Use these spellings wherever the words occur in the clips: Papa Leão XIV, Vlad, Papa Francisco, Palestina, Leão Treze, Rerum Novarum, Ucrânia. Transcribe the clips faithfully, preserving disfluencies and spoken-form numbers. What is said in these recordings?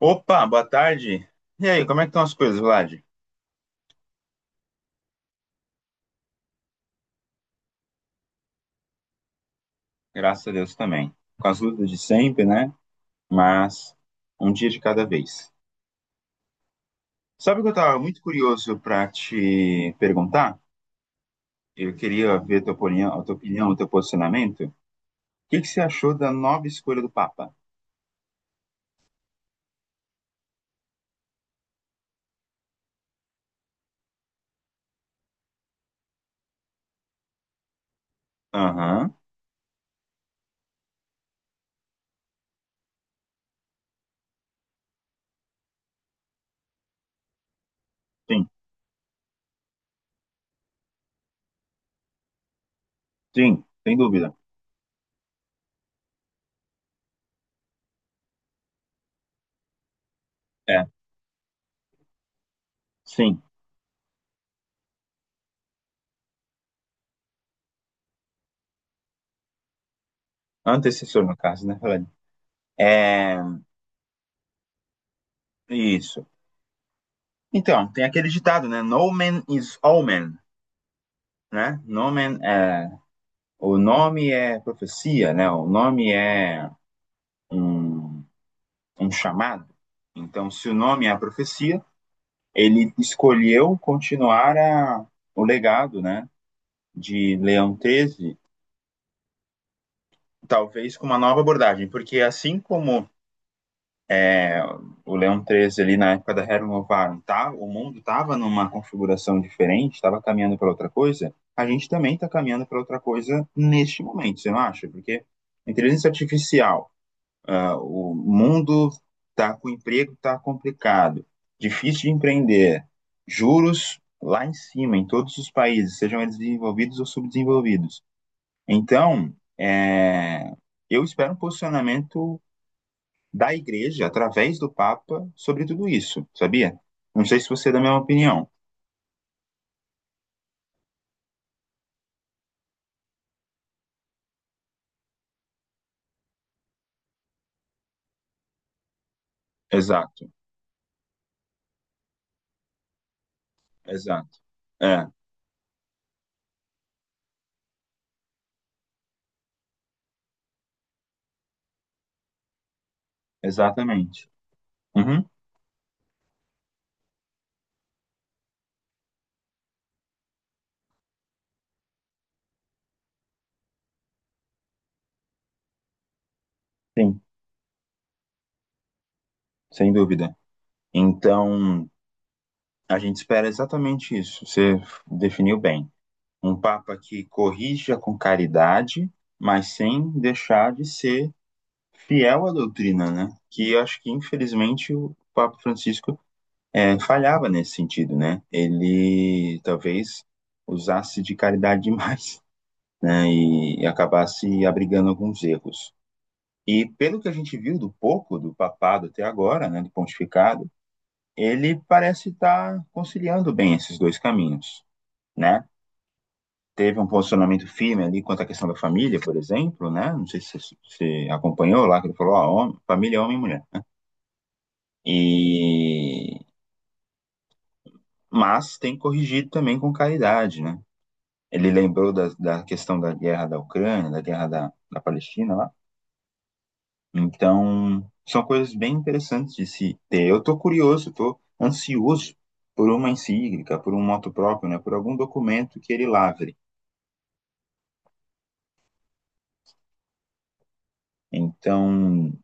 Opa, boa tarde. E aí, como é que estão as coisas, Vlad? Graças a Deus também. Com as lutas de sempre, né? Mas um dia de cada vez. Sabe o que eu estava muito curioso para te perguntar? Eu queria ver a tua opinião, a tua opinião, o teu posicionamento. O que que você achou da nova escolha do Papa? Aham, sim, sim, sem dúvida. É, sim. Antecessor, no caso, né, Vlad? É, isso. Então, tem aquele ditado, né? No man is all man, né? No man é. O nome é profecia, né? O nome é um, um chamado. Então, se o nome é a profecia, ele escolheu continuar a, o legado, né? De Leão Treze, talvez com uma nova abordagem, porque assim como é, o Leão Treze ali na época da Rerum Novarum, tá, o mundo estava numa configuração diferente, estava caminhando para outra coisa, a gente também está caminhando para outra coisa neste momento, você não acha? Porque a inteligência artificial ah, o mundo está com o emprego está complicado, difícil de empreender, juros lá em cima, em todos os países, sejam eles desenvolvidos ou subdesenvolvidos. Então, é, eu espero um posicionamento da igreja, através do Papa, sobre tudo isso, sabia? Não sei se você é da mesma opinião. Exato, exato. É, exatamente. Uhum, sim, sem dúvida. Então, a gente espera exatamente isso. Você definiu bem. Um Papa que corrija com caridade, mas sem deixar de ser fiel à doutrina, né? Que eu acho que, infelizmente, o Papa Francisco é, falhava nesse sentido, né? Ele talvez usasse de caridade demais, né? E, e acabasse abrigando alguns erros. E pelo que a gente viu do pouco do papado até agora, né, do pontificado, ele parece estar conciliando bem esses dois caminhos, né? Teve um posicionamento firme ali quanto à questão da família, por exemplo, né? Não sei se você acompanhou lá, que ele falou, ó, homem, família é homem e mulher. E... Mas tem corrigido também com caridade, né? Ele lembrou da, da questão da guerra da Ucrânia, da guerra da, da Palestina lá. Então, são coisas bem interessantes de se ter. Eu tô curioso, tô ansioso por uma encíclica, por um moto próprio, né? Por algum documento que ele lavre. Então,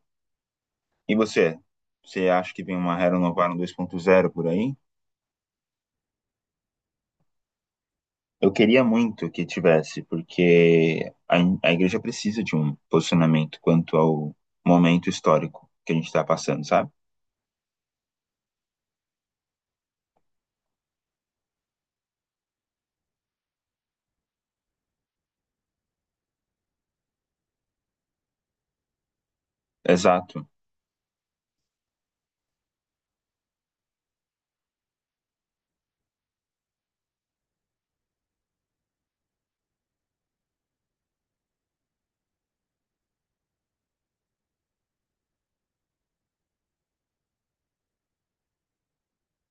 e você? Você acha que vem uma Hero Novarum dois ponto zero por aí? Eu queria muito que tivesse, porque a, a igreja precisa de um posicionamento quanto ao momento histórico que a gente está passando, sabe? Exato.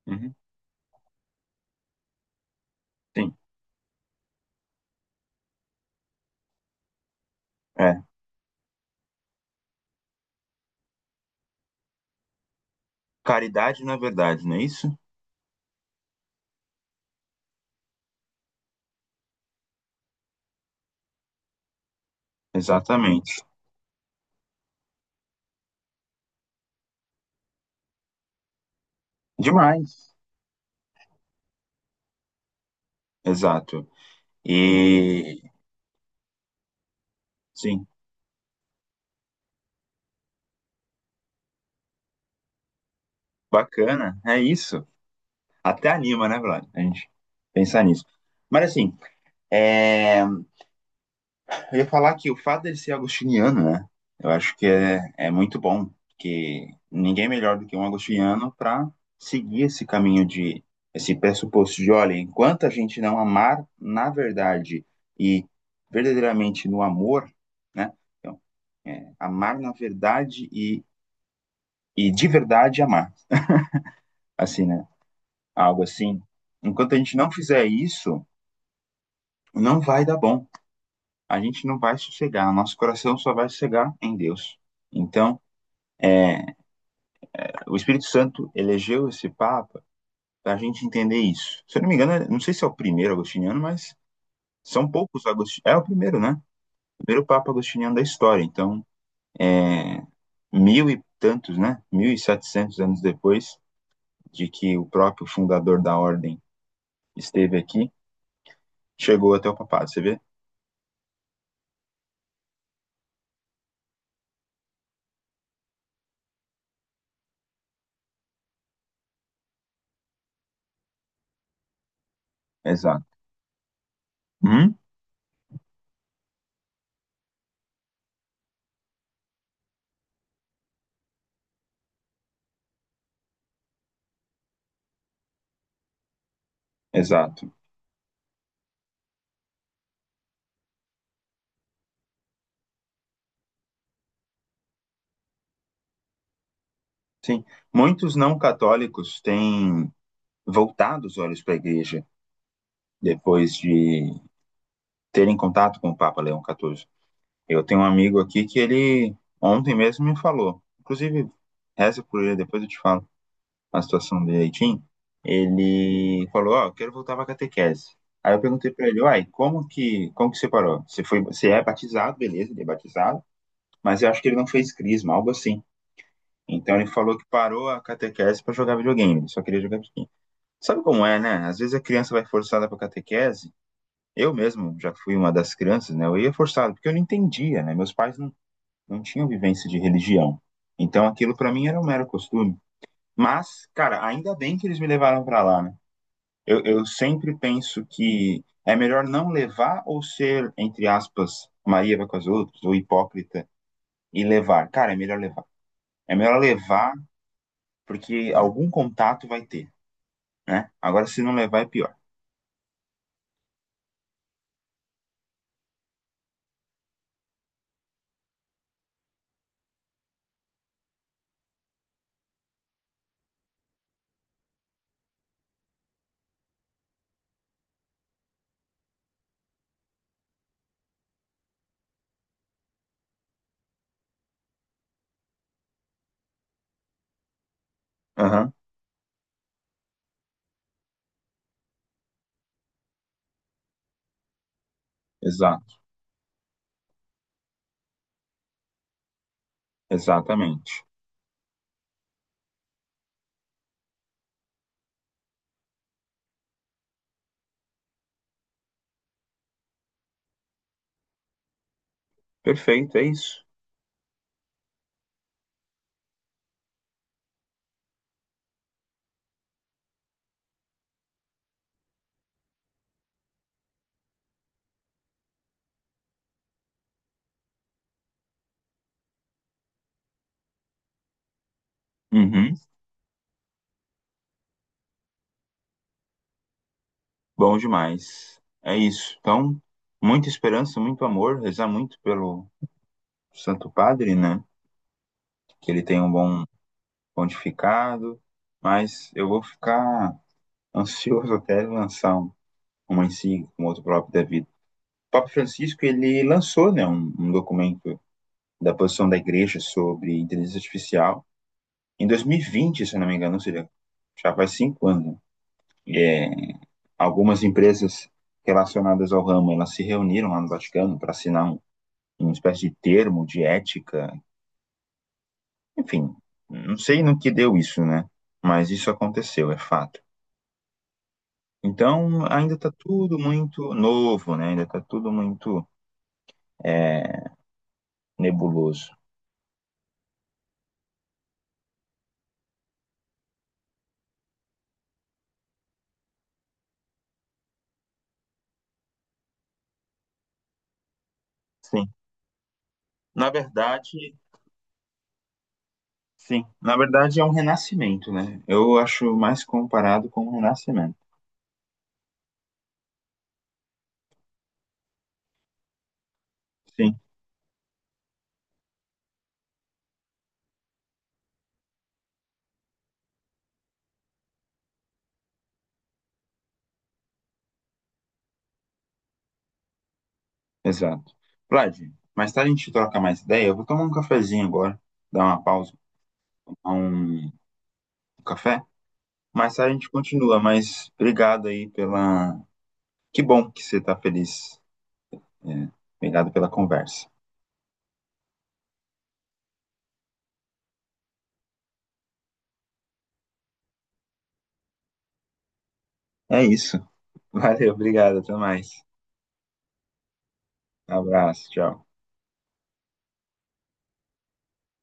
Uhum, sim. É. Caridade na verdade, não é isso? Exatamente. Demais. Exato. E sim, bacana. É isso. Até anima, né, Vlad? A gente pensar nisso. Mas assim, é, eu ia falar que o fato dele ser agostiniano, né? Eu acho que é, é muito bom, porque ninguém é melhor do que um agostiniano para seguir esse caminho de, esse pressuposto de, olha, enquanto a gente não amar na verdade e verdadeiramente no amor, né? Então, é, amar na verdade e, e de verdade amar, assim, né? Algo assim. Enquanto a gente não fizer isso, não vai dar bom. A gente não vai sossegar, nosso coração só vai sossegar em Deus. Então, o Espírito Santo elegeu esse Papa para a gente entender isso. Se eu não me engano, não sei se é o primeiro agostiniano, mas são poucos agostinianos. É o primeiro, né? O primeiro Papa agostiniano da história. Então, é, mil e tantos, né? Mil e setecentos anos depois de que o próprio fundador da ordem esteve aqui, chegou até o papado, você vê? Exato. Hum? Exato. Sim. Muitos não católicos têm voltado os olhos para a igreja depois de terem contato com o Papa Leão catorze. Eu tenho um amigo aqui que ele ontem mesmo me falou. Inclusive, reza por ele, depois eu te falo a situação direitinho. Ele falou, ó, eu quero voltar pra catequese. Aí eu perguntei pra ele, uai, como que, como que você parou? Você foi, você é batizado, beleza, ele é batizado, mas eu acho que ele não fez crisma, algo assim. Então ele falou que parou a catequese pra jogar videogame, ele só queria jogar videogame. Sabe como é, né? Às vezes a criança vai forçada pra catequese. Eu mesmo já fui uma das crianças, né? Eu ia forçado, porque eu não entendia, né? Meus pais não não tinha vivência de religião. Então aquilo para mim era um mero costume. Mas, cara, ainda bem que eles me levaram para lá, né? Eu, eu sempre penso que é melhor não levar ou ser, entre aspas, Maria vai com as outras, ou hipócrita, e levar. Cara, é melhor levar. É melhor levar porque algum contato vai ter, né? Agora, se não levar, é pior. Aham, exato, exatamente. Perfeito, é isso. Uhum, bom demais. É isso. Então, muita esperança, muito amor, rezar muito pelo, Santo Padre, né? Que ele tem um bom pontificado, mas eu vou ficar ansioso até ele lançar um- uma encíclica, um outro próprio da vida. O Papa Francisco, ele lançou, né, um, um documento da posição da Igreja sobre inteligência artificial em dois mil e vinte, se eu não me engano, ou seja, já faz cinco anos. Né? E, É, algumas empresas relacionadas ao ramo, elas se reuniram lá no Vaticano para assinar um, uma espécie de termo de ética. Enfim, não sei no que deu isso, né? Mas isso aconteceu, é fato. Então, ainda está tudo muito novo, né? Ainda está tudo muito é, nebuloso. Sim. Na verdade, sim. Na verdade, é um renascimento, né? Eu acho mais comparado com um renascimento. Sim, exato. Vlad, mais tarde a gente troca mais ideia. Eu vou tomar um cafezinho agora, dar uma pausa, tomar um café. Mais tarde a gente continua, mas obrigado aí pela. Que bom que você está feliz. É, obrigado pela conversa. É isso. Valeu, obrigado, até mais. Abraço, tchau.